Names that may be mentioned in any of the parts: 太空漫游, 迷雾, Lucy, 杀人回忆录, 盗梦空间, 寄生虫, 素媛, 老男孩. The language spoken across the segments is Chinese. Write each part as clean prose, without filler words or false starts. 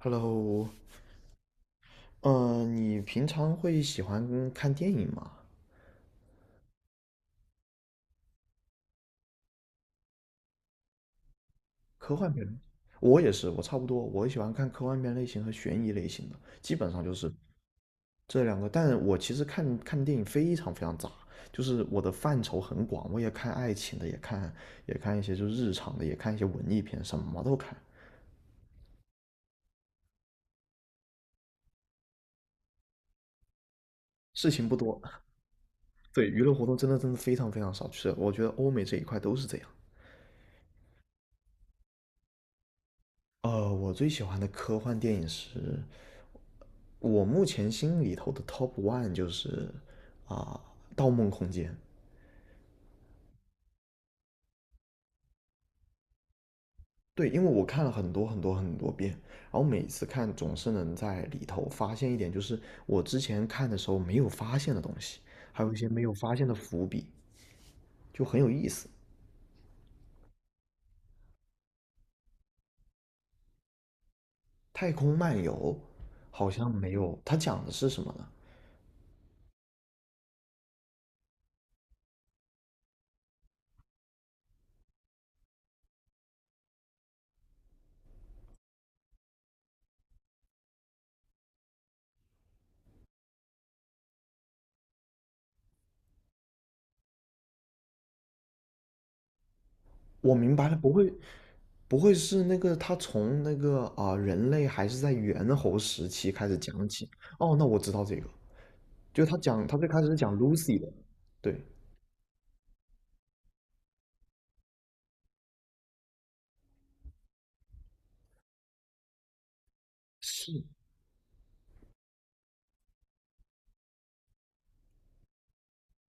Hello,你平常会喜欢看电影吗？科幻片，我也是，我差不多，我喜欢看科幻片类型和悬疑类型的，基本上就是这两个。但我其实看电影非常非常杂，就是我的范畴很广，我也看爱情的，也看一些就是日常的，也看一些文艺片，什么都看。事情不多。对，娱乐活动真的真的非常非常少，就是我觉得欧美这一块都是这样。我最喜欢的科幻电影是我目前心里头的 top one 就是啊，盗梦空间》。对，因为我看了很多很多很多遍，然后每次看总是能在里头发现一点，就是我之前看的时候没有发现的东西，还有一些没有发现的伏笔，就很有意思。太空漫游好像没有，它讲的是什么呢？我明白了，不会是那个他从人类还是在猿猴时期开始讲起？哦，那我知道这个。就他讲，他最开始是讲 Lucy 的，对，是，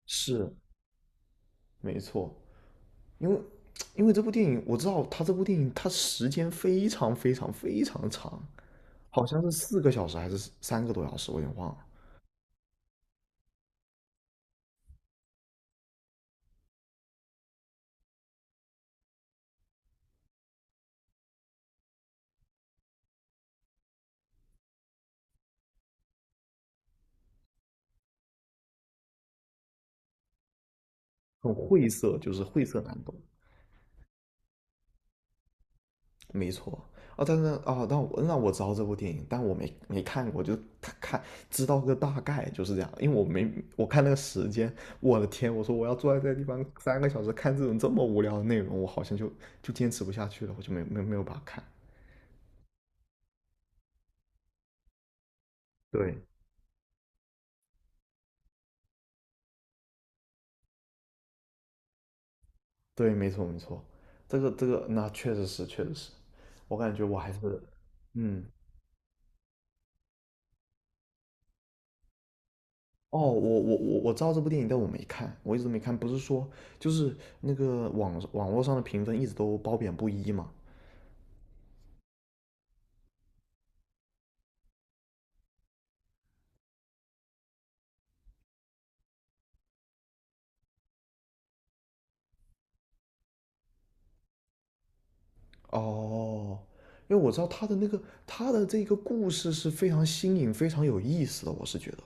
是没错，因为因为这部电影我知道他这部电影它时间非常非常非常长，好像是四个小时还是三个多小时，我有点忘了，很晦涩，就是晦涩难懂。没错。啊，但是哦，那我知道这部电影，但我没看过，就他看知道个大概就是这样，因为我没我看那个时间，我的天，我说我要坐在这个地方三个小时看这种这么无聊的内容，我好像就坚持不下去了，我就没有把它看。对对，没错没错，这个那确实是。我感觉我还是嗯。哦，我知道这部电影，但我没看，我一直没看。不是说就是那个网络上的评分一直都褒贬不一嘛，哦，因为我知道他的那个他的这个故事是非常新颖、非常有意思的，我是觉得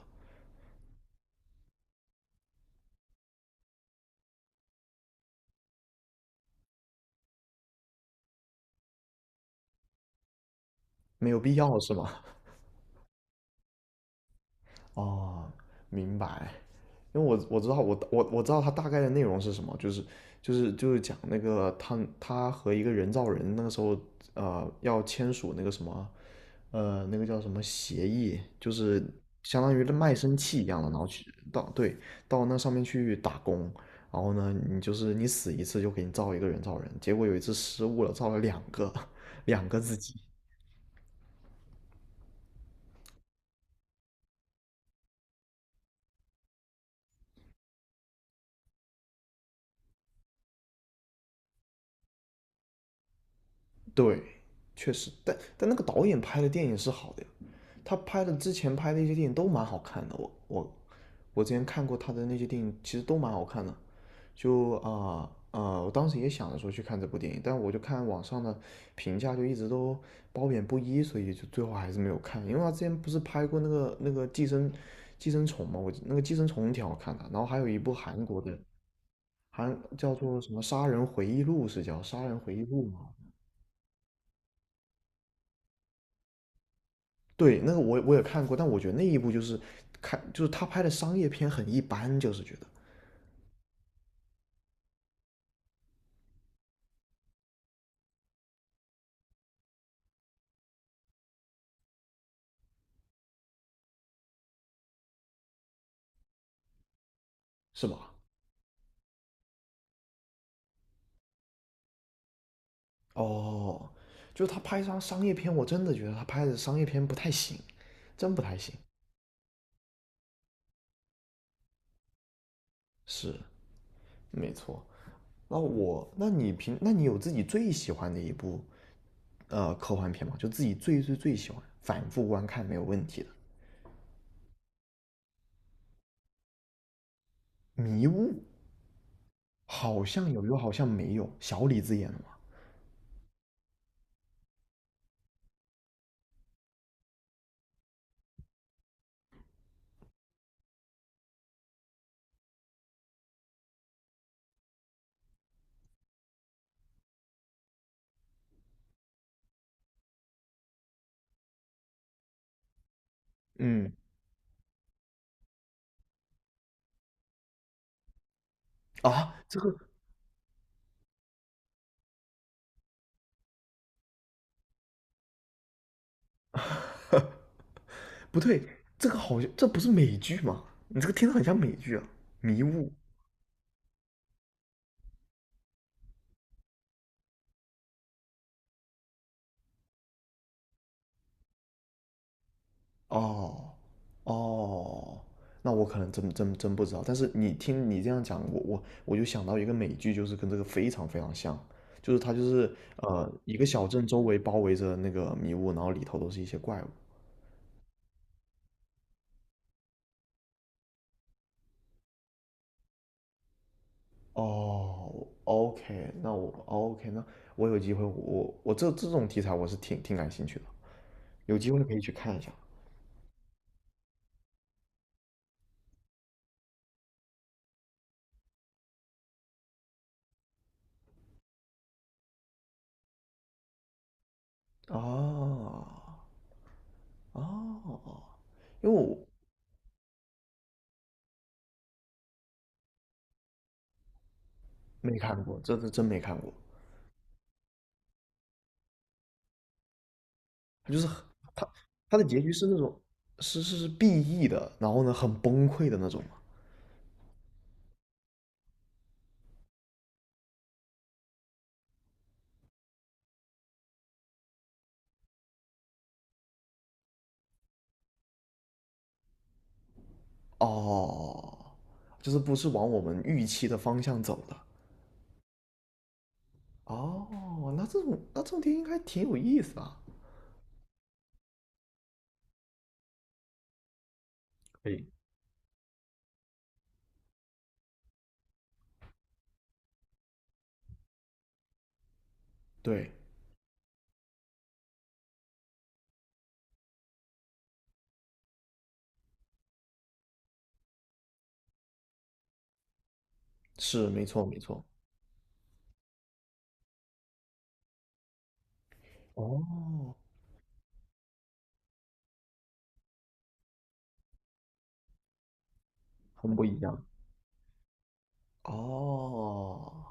没有必要是吗？哦，明白。因为我知道它大概的内容是什么，就是讲那个他和一个人造人那个时候要签署那个什么那个叫什么协议，就是相当于卖身契一样的，然后去到对到那上面去打工，然后呢你就是你死一次就给你造一个人造人，结果有一次失误了，造了两个 两个自己，对，确实，但那个导演拍的电影是好的，他拍的之前拍的一些电影都蛮好看的，我之前看过他的那些电影，其实都蛮好看的。就啊啊、呃呃我当时也想着说去看这部电影，但我就看网上的评价就一直都褒贬不一，所以就最后还是没有看。因为他之前不是拍过那个寄生虫嘛，我那个寄生虫挺好看的，然后还有一部韩国的，韩叫做什么《杀人回忆录》？是叫《杀人回忆录》吗？对，那个我我也看过，但我觉得那一部就是看就是他拍的商业片很一般，就是觉得。是吧？哦，就是他拍张商业片，我真的觉得他拍的商业片不太行，真不太行。是，没错。那我，那你平，那你有自己最喜欢的一部科幻片吗？就自己最最最喜欢，反复观看没有问题的。迷雾好像有，又好像没有。小李子演的吗？嗯，啊，这个不对，这个好像这不是美剧吗？你这个听着很像美剧啊。迷雾。哦，哦，那我可能真不知道。但是你听你这样讲，我就想到一个美剧，就是跟这个非常非常像，就是它就是一个小镇周围包围着那个迷雾，然后里头都是一些怪物。哦，OK,那我哦 OK,那我有机会，我我这这种题材我是挺感兴趣的，有机会可以去看一下。啊，哦，因为我没看过，这是真没看过。他就是很他他的结局是那种是 BE 的，然后呢很崩溃的那种嘛。哦，就是不是往我们预期的方向走的。哦，那这种电影应该挺有意思啊。可以，对，是没错没错。哦，很不一样。哦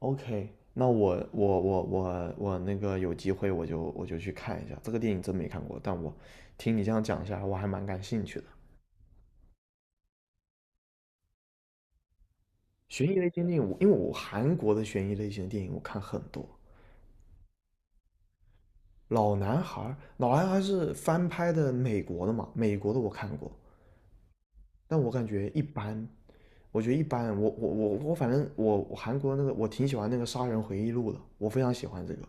，OK,那我那个有机会我就去看一下这个电影，真没看过，但我听你这样讲一下，我还蛮感兴趣的。悬疑类型电影，我因为我韩国的悬疑类型的电影我看很多，《老男孩》。《老男孩》是翻拍的美国的嘛，美国的我看过，但我感觉一般，我觉得一般。我反正我韩国那个我挺喜欢那个《杀人回忆录》的，我非常喜欢这个。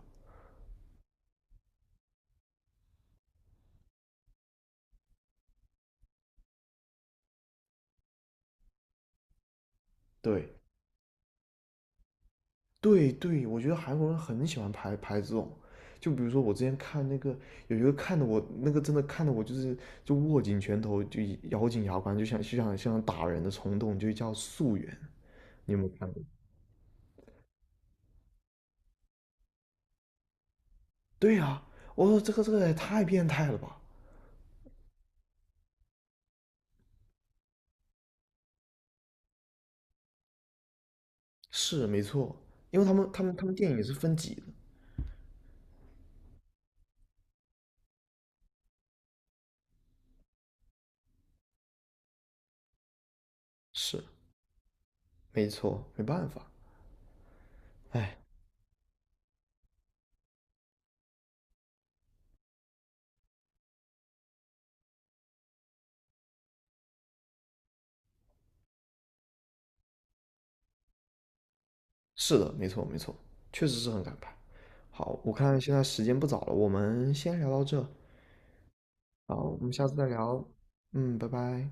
对对对，我觉得韩国人很喜欢拍这种，就比如说我之前看那个有一个看的我那个真的看的我就是就握紧拳头就咬紧牙关就想像打人的冲动，就叫《素媛》，你有没有看过？对呀、我说这个也太变态了吧？是没错，因为他们电影是分级的，是没错，没办法，哎，是的，没错没错，确实是很敢拍。好，我看现在时间不早了，我们先聊到这，好，我们下次再聊，嗯，拜拜。